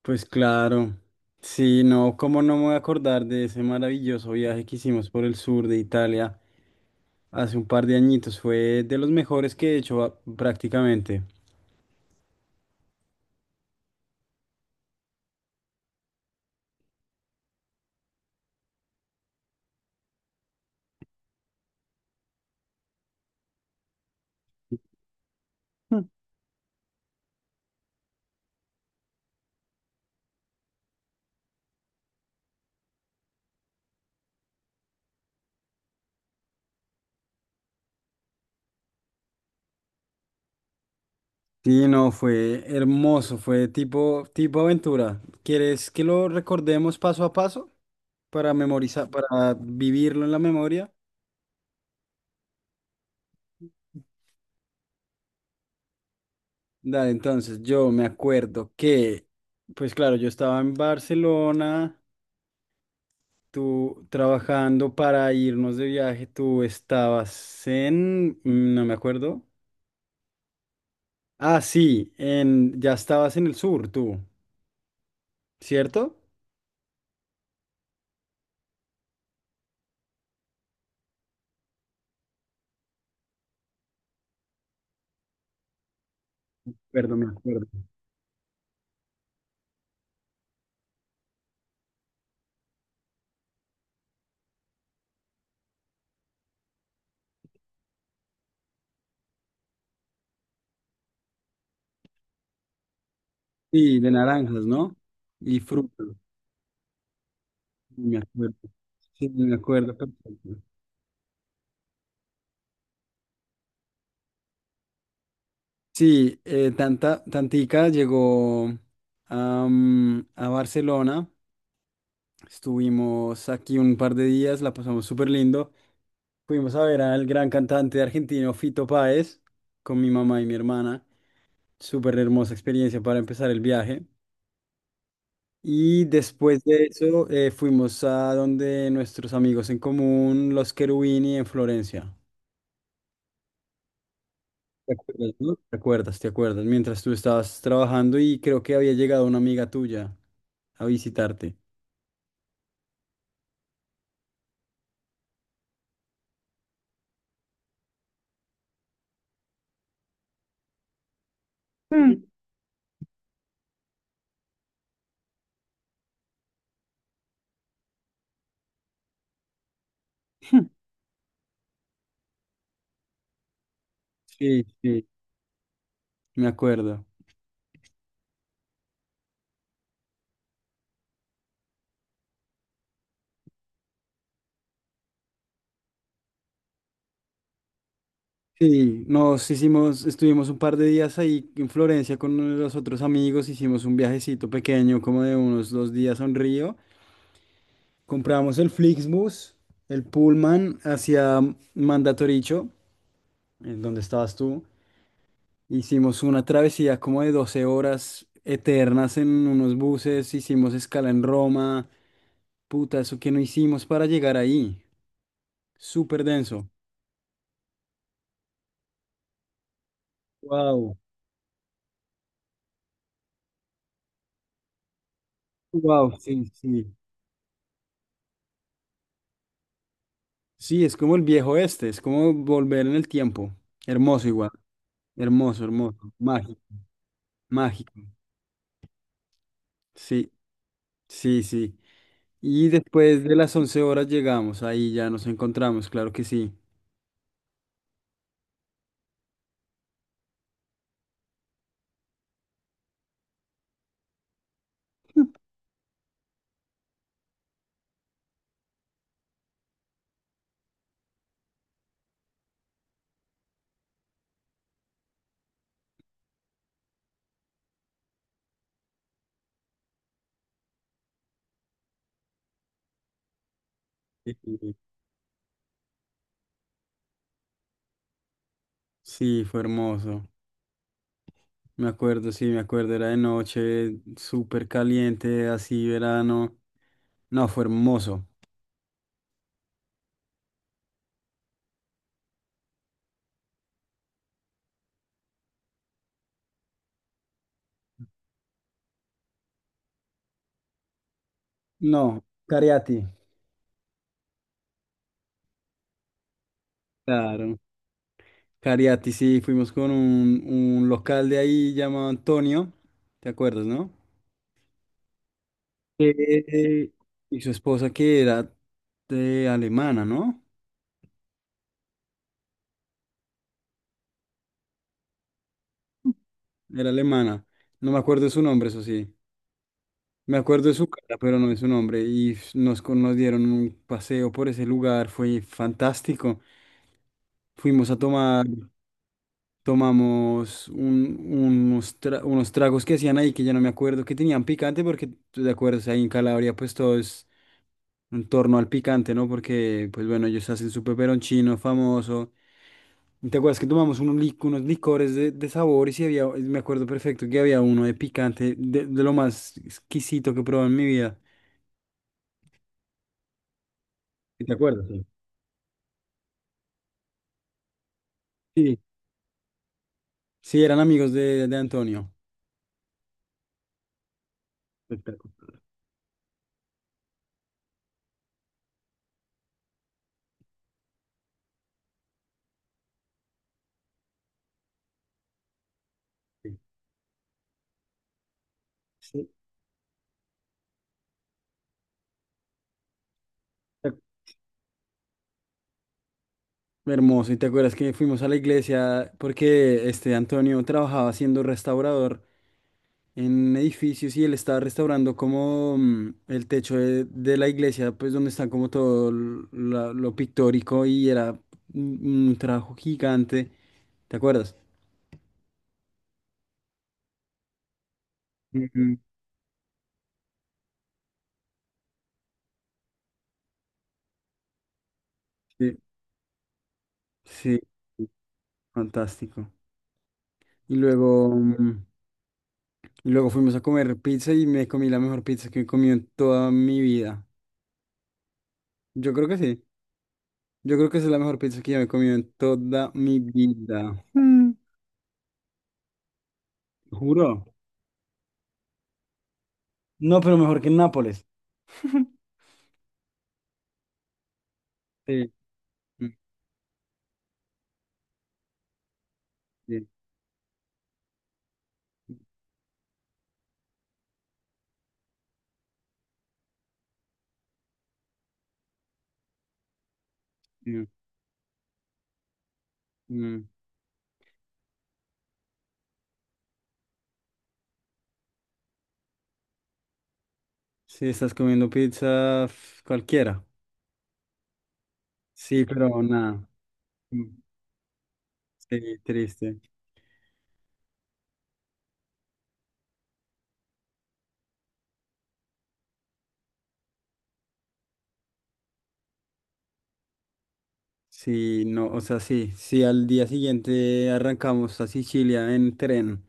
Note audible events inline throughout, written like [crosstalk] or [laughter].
Pues claro, sí, no, cómo no me voy a acordar de ese maravilloso viaje que hicimos por el sur de Italia hace un par de añitos. Fue de los mejores que he hecho, prácticamente. Sí, no, fue hermoso, fue tipo aventura. ¿Quieres que lo recordemos paso a paso para memorizar, para vivirlo en la memoria? Dale, entonces yo me acuerdo que, pues claro, yo estaba en Barcelona. Tú trabajando para irnos de viaje, tú estabas no me acuerdo. Ah, sí, ya estabas en el sur, tú, ¿cierto? Perdón, me acuerdo. Sí, de naranjas, ¿no? Y frutas, me acuerdo. Sí, me acuerdo perfecto. Sí, Tantica llegó, a Barcelona. Estuvimos aquí un par de días, la pasamos súper lindo. Fuimos a ver al gran cantante argentino Fito Páez con mi mamá y mi hermana. Súper hermosa experiencia para empezar el viaje. Y después de eso, fuimos a donde nuestros amigos en común, los Cherubini en Florencia. ¿Te acuerdas, no? ¿Te acuerdas? ¿Te acuerdas? Mientras tú estabas trabajando y creo que había llegado una amiga tuya a visitarte. Mm. Sí, sí, me acuerdo. Sí, nos hicimos, estuvimos un par de días ahí en Florencia con uno de los otros amigos, hicimos un viajecito pequeño, como de unos 2 días a un río. Compramos el Flixbus, el Pullman hacia Mandatoricho, en donde estabas tú. Hicimos una travesía como de 12 horas eternas en unos buses, hicimos escala en Roma. Puta, eso que no hicimos para llegar ahí. Súper denso. Wow, wow, sí, sí. Sí, es como el viejo este, es como volver en el tiempo. Hermoso igual, hermoso, hermoso, mágico, mágico. Sí, sí, sí. Y después de las 11 horas llegamos, ahí ya nos encontramos, claro que sí. Sí, sí, sí, fue hermoso. Me acuerdo, sí, me acuerdo, era de noche, súper caliente, así verano. No, fue hermoso. No, Cariati. Claro, Cariati, sí, fuimos con un local de ahí llamado Antonio, ¿te acuerdas, no? Eh, y su esposa que era de alemana, ¿no? Era alemana. No me acuerdo de su nombre, eso sí. Me acuerdo de su cara, pero no de su nombre. Y nos dieron un paseo por ese lugar, fue fantástico. Fuimos a tomar, tomamos unos tragos que hacían ahí, que ya no me acuerdo, que tenían picante, porque tú te acuerdas, ahí en Calabria pues todo es en torno al picante, ¿no? Porque pues bueno, ellos hacen su peperoncino famoso. ¿Te acuerdas que tomamos unos, unos licores de sabores y si había, me acuerdo perfecto que había uno de picante, de lo más exquisito que he probado en mi vida? ¿Sí? ¿Te acuerdas? Sí, sí, sí, eran amigos de Antonio. Espera. Sí. Sí. Hermoso, ¿y te acuerdas que fuimos a la iglesia porque este Antonio trabajaba siendo restaurador en edificios y él estaba restaurando como el techo de la iglesia, pues donde está como todo lo pictórico y era un trabajo gigante, ¿te acuerdas? Ujú. Sí, sí, sí, fantástico. Y luego, mm, y luego fuimos a comer pizza y me comí la mejor pizza que he comido en toda mi vida. Yo creo que sí. Yo creo que esa es la mejor pizza que yo me he comido en toda mi vida. Mm. Juro. No, pero mejor que en Nápoles. [laughs] Sí. Mm, sí, sí, mm. Sí, estás comiendo pizza cualquiera. Sí, pero nada. Mm, sí, triste. Sí, no, o sea, sí, sí, al día siguiente arrancamos a Sicilia en tren,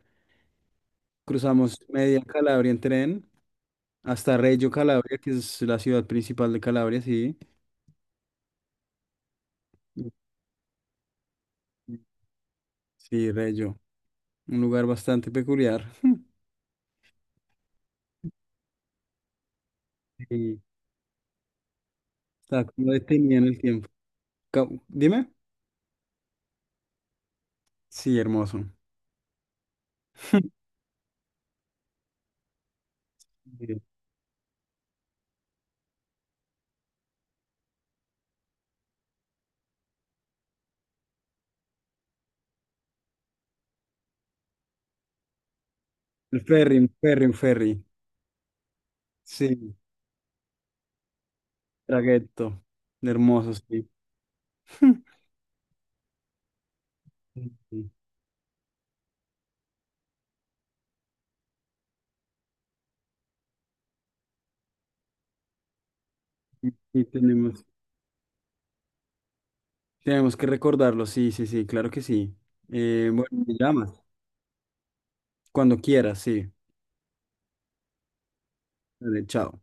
cruzamos media Calabria en tren hasta Reggio Calabria, que es la ciudad principal de Calabria, sí. Mm, sí, Reggio. Un lugar bastante peculiar. [laughs] Sí, está como detenido en el tiempo. Dime. Sí, hermoso. [laughs] Sí. El ferry, un ferry, un ferry. Sí, traghetto. Hermoso, sí. [laughs] Sí, sí. Y tenemos, tenemos que recordarlo, sí, sí, sí, claro que sí. Bueno, me [laughs] llamas cuando quieras, sí. Vale, chao.